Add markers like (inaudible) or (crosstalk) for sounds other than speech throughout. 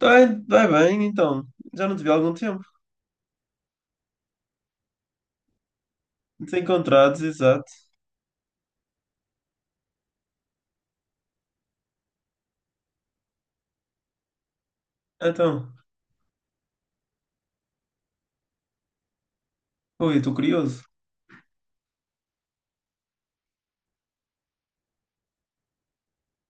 Vai, vai bem, então. Já não te vi há algum tempo. Desencontrados, exato. Então, ui, estou curioso.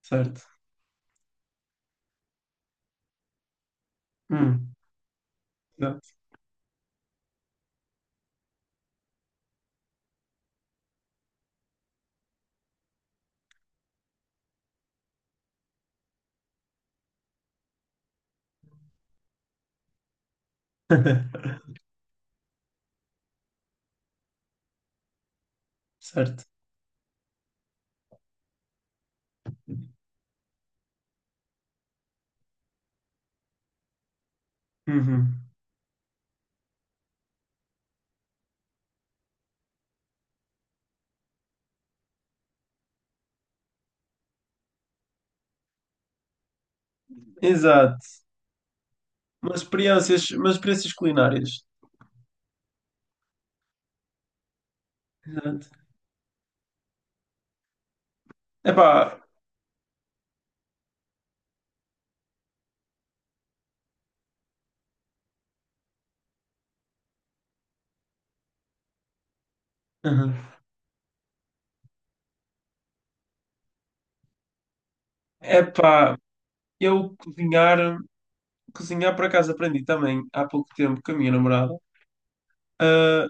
Certo. Hum, exato. (laughs) Certo. Uhum. Exato. Mas experiências, culinárias. Exato. Epá, uhum. Epá, eu cozinhar, cozinhar por acaso aprendi também há pouco tempo com a minha namorada. Ah,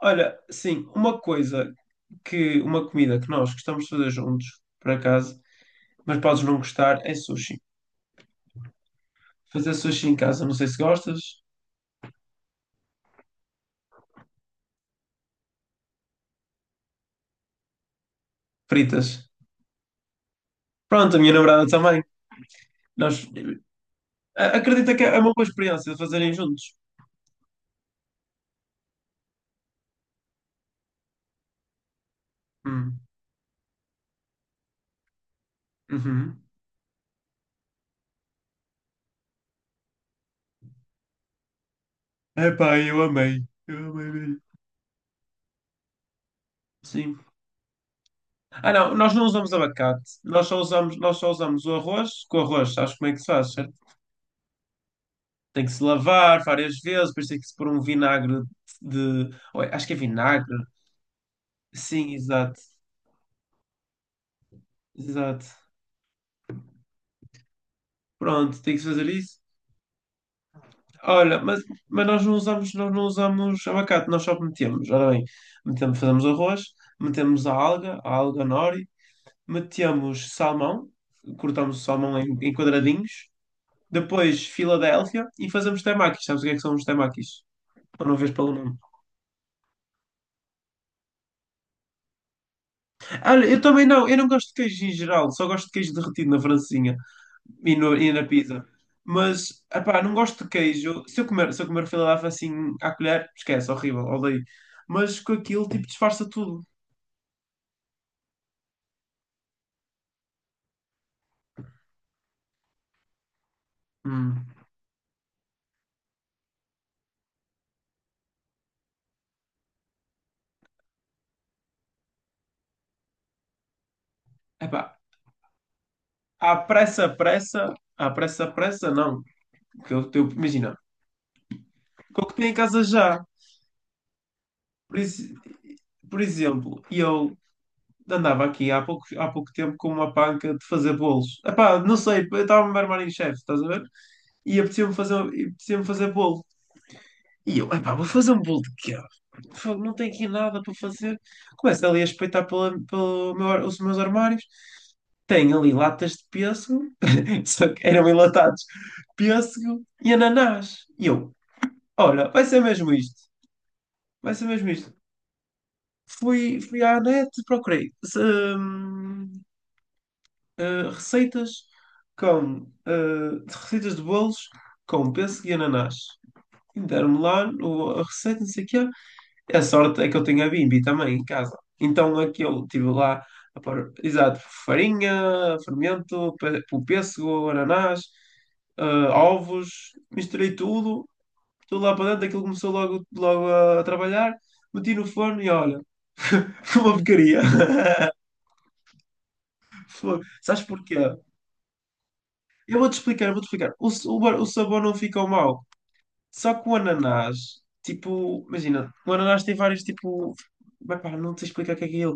olha, sim, uma comida que nós gostamos de fazer juntos, por acaso, mas podes não gostar, é sushi. Fazer sushi em casa, não sei se gostas. Fritas. Pronto, a minha namorada também. Nós, acredita que é uma boa experiência de fazerem juntos. Hum. Uhum. Epá, eu amei. Eu amei mesmo. Sim. Ah, não, nós não usamos abacate. Nós só usamos o arroz. Com o arroz, sabes como é que se faz, certo? Tem que se lavar várias vezes, depois tem que se pôr um vinagre de. Oi, acho que é vinagre. Sim, exato. Exato. Pronto, tem que se fazer isso. Olha, mas, nós não usamos abacate, nós só metemos. Ora bem, metemos, fazemos arroz, metemos a alga nori, metemos salmão, cortamos o salmão em quadradinhos, depois Filadélfia e fazemos temakis. Sabes o que é que são os temakis? Ou não vês pelo nome? Olha, eu não gosto de queijo em geral, só gosto de queijo derretido na francesinha. E, e na pizza. Mas, epá, não gosto de queijo. Se eu comer filadélfia assim à colher, esquece, horrível, odeio. Mas com aquilo, tipo, disfarça tudo. Hum. Epá, à pressa, pressa, não. Que imagina, com o que tenho em casa já. Por, ex- por exemplo, eu andava aqui há pouco tempo com uma panca de fazer bolos. Epá, não sei, eu estava a me armar em chefe, estás a ver? E apetecia-me fazer bolo. E eu, epá, vou fazer um bolo de queijo. Fogo, não tenho aqui nada para fazer. Começo ali a espreitar os meus armários. Tenho ali latas de pêssego, (laughs) só que eram enlatados, pêssego e ananás. E eu, olha, vai ser mesmo isto. Vai ser mesmo isto. Fui à net, procurei se- hum, eh, receitas com eh, receitas de bolos com pêssego e ananás. E deram-me lá a receita, não sei o quê. E a sorte é que eu tenho a Bimbi também em casa. Então aquilo, tive lá a pôr, exato, farinha, fermento, o pêssego, ananás, eh, ovos, misturei tudo, tudo lá para dentro, aquilo começou logo a trabalhar, meti no forno e olha, (laughs) foi uma porcaria. (laughs) Foi. Sabes porquê? Eu vou-te explicar. O, s- o, bar- o sabor não ficou mau, só que o ananás, tipo, imagina, o ananás tem vários, tipo, mas pá, não te explicar o que é que é.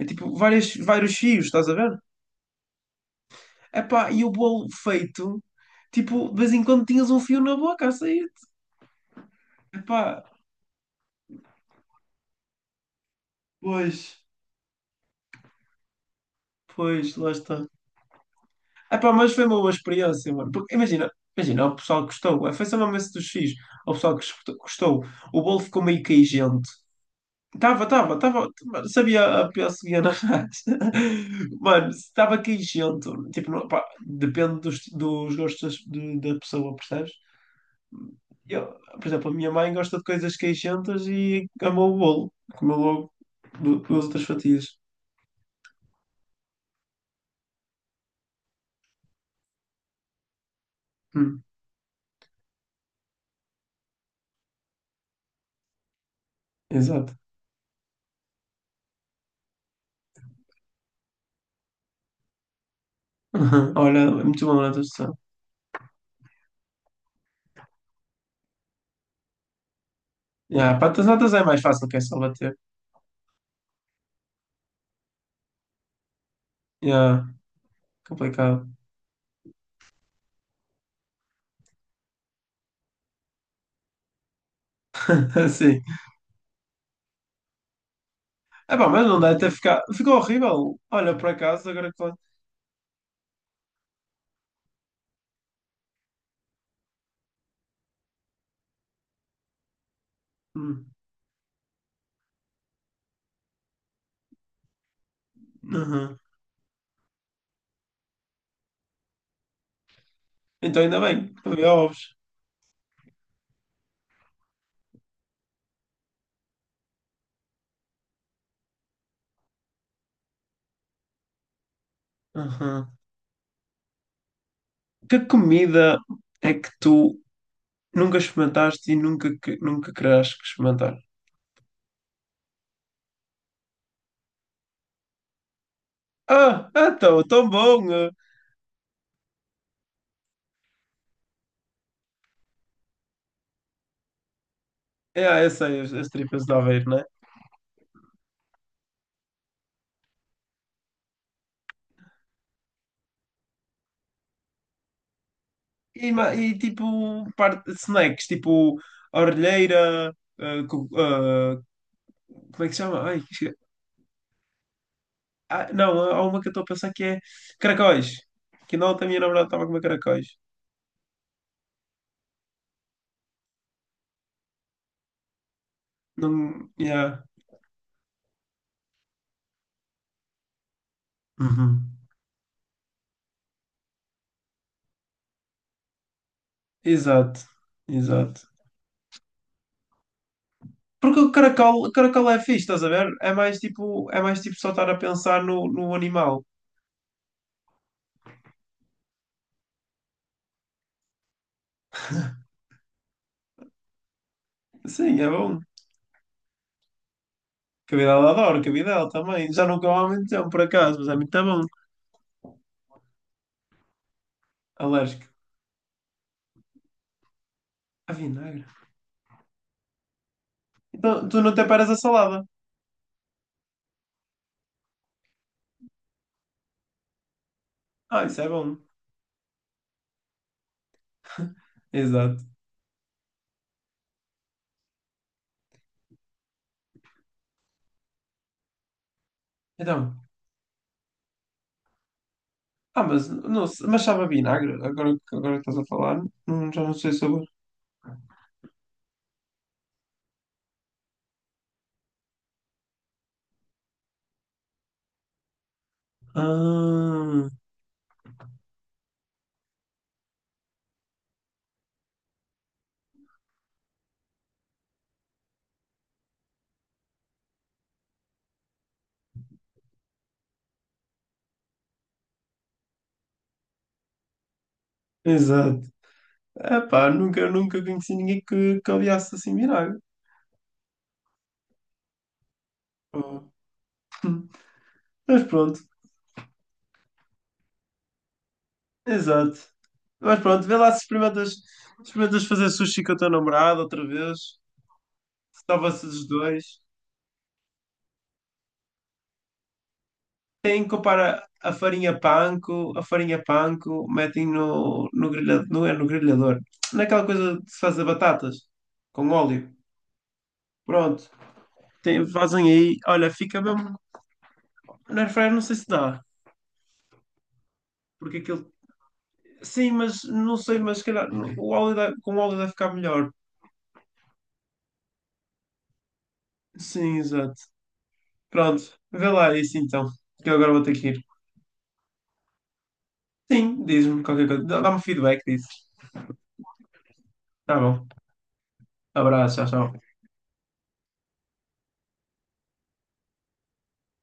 É tipo várias, vários fios, estás a ver? Epá, e o bolo feito, tipo, de vez em quando tinhas um fio na boca a sair. Epá, pois, pois, lá está. Epá, mas foi uma boa experiência, mano. Porque, imagina, imagina, o pessoal gostou. Foi só mesmo esse dos fios. O pessoal que escutou- gostou. O bolo ficou meio queijento. Tava, tava, tava, mano. Sabia a pior seguia na raça. (laughs) Mano, estava queijento. Tipo, não, pá, depende dos gostos das- de- da pessoa, percebes? Eu, por exemplo, a minha mãe gosta de coisas queixentas e amou o bolo. Comeu logo duas outras fatias. Hum, exato. (laughs) Uhum. Olha, é muito bom na tradução. Yeah, para as notas é mais fácil que é só bater. Yeah, complicado. (laughs) Sim. É bom, mas não deve ter ficado. Ficou horrível. Olha, por acaso, agora que falo. Hum, uhum. Então ainda bem, havia ovos. Uhum. Que comida é que tu nunca experimentaste nunca querás experimentar? Ah, ah, tão, tão bom! Eh. É, eu sei, as tripas de Aveiro, né? E tipo, parte, snacks, tipo, a orelheira, ah, co- ah, como é que se chama? Não, há uma que eu estou a pensar que é caracóis. Que não, a minha namorada estava a comer caracóis. Não, yeah. Uhum. Exato, exato. Porque o caracol é fixe, estás a ver? É mais tipo só estar a pensar no animal. Sim, é bom. Cabidela adoro, cabidela também. Já não como há muito tempo, por acaso, mas é muito bom. Alérgico. Ah, vinagre. Então, tu não te paras a salada. Ah, isso é bom. Exato. Então, mas sabe a vinagre? Agora, agora que estás a falar, já não sei o sabor. Ah, exato. Epá, nunca conheci ninguém que odiasse assim vinagre. Oh. (laughs) Mas pronto, exato. Mas pronto, vê lá se experimentas fazer sushi com a tua namorada outra vez. Se estava-se os dois. Tem que comprar a farinha panko, metem não é no grelhador, naquela coisa de se fazer batatas, com óleo. Pronto, tem- fazem aí, olha, fica mesmo, na air fryer não sei se dá, porque aquilo, sim, mas não sei, mas se calhar com o óleo deve ficar melhor. Sim, exato. Pronto, vê lá isso então, que eu agora vou ter que ir. Sim, diz-me qualquer coisa, dá-me feedback disso. Tá bom, abraço, tchau, tchau.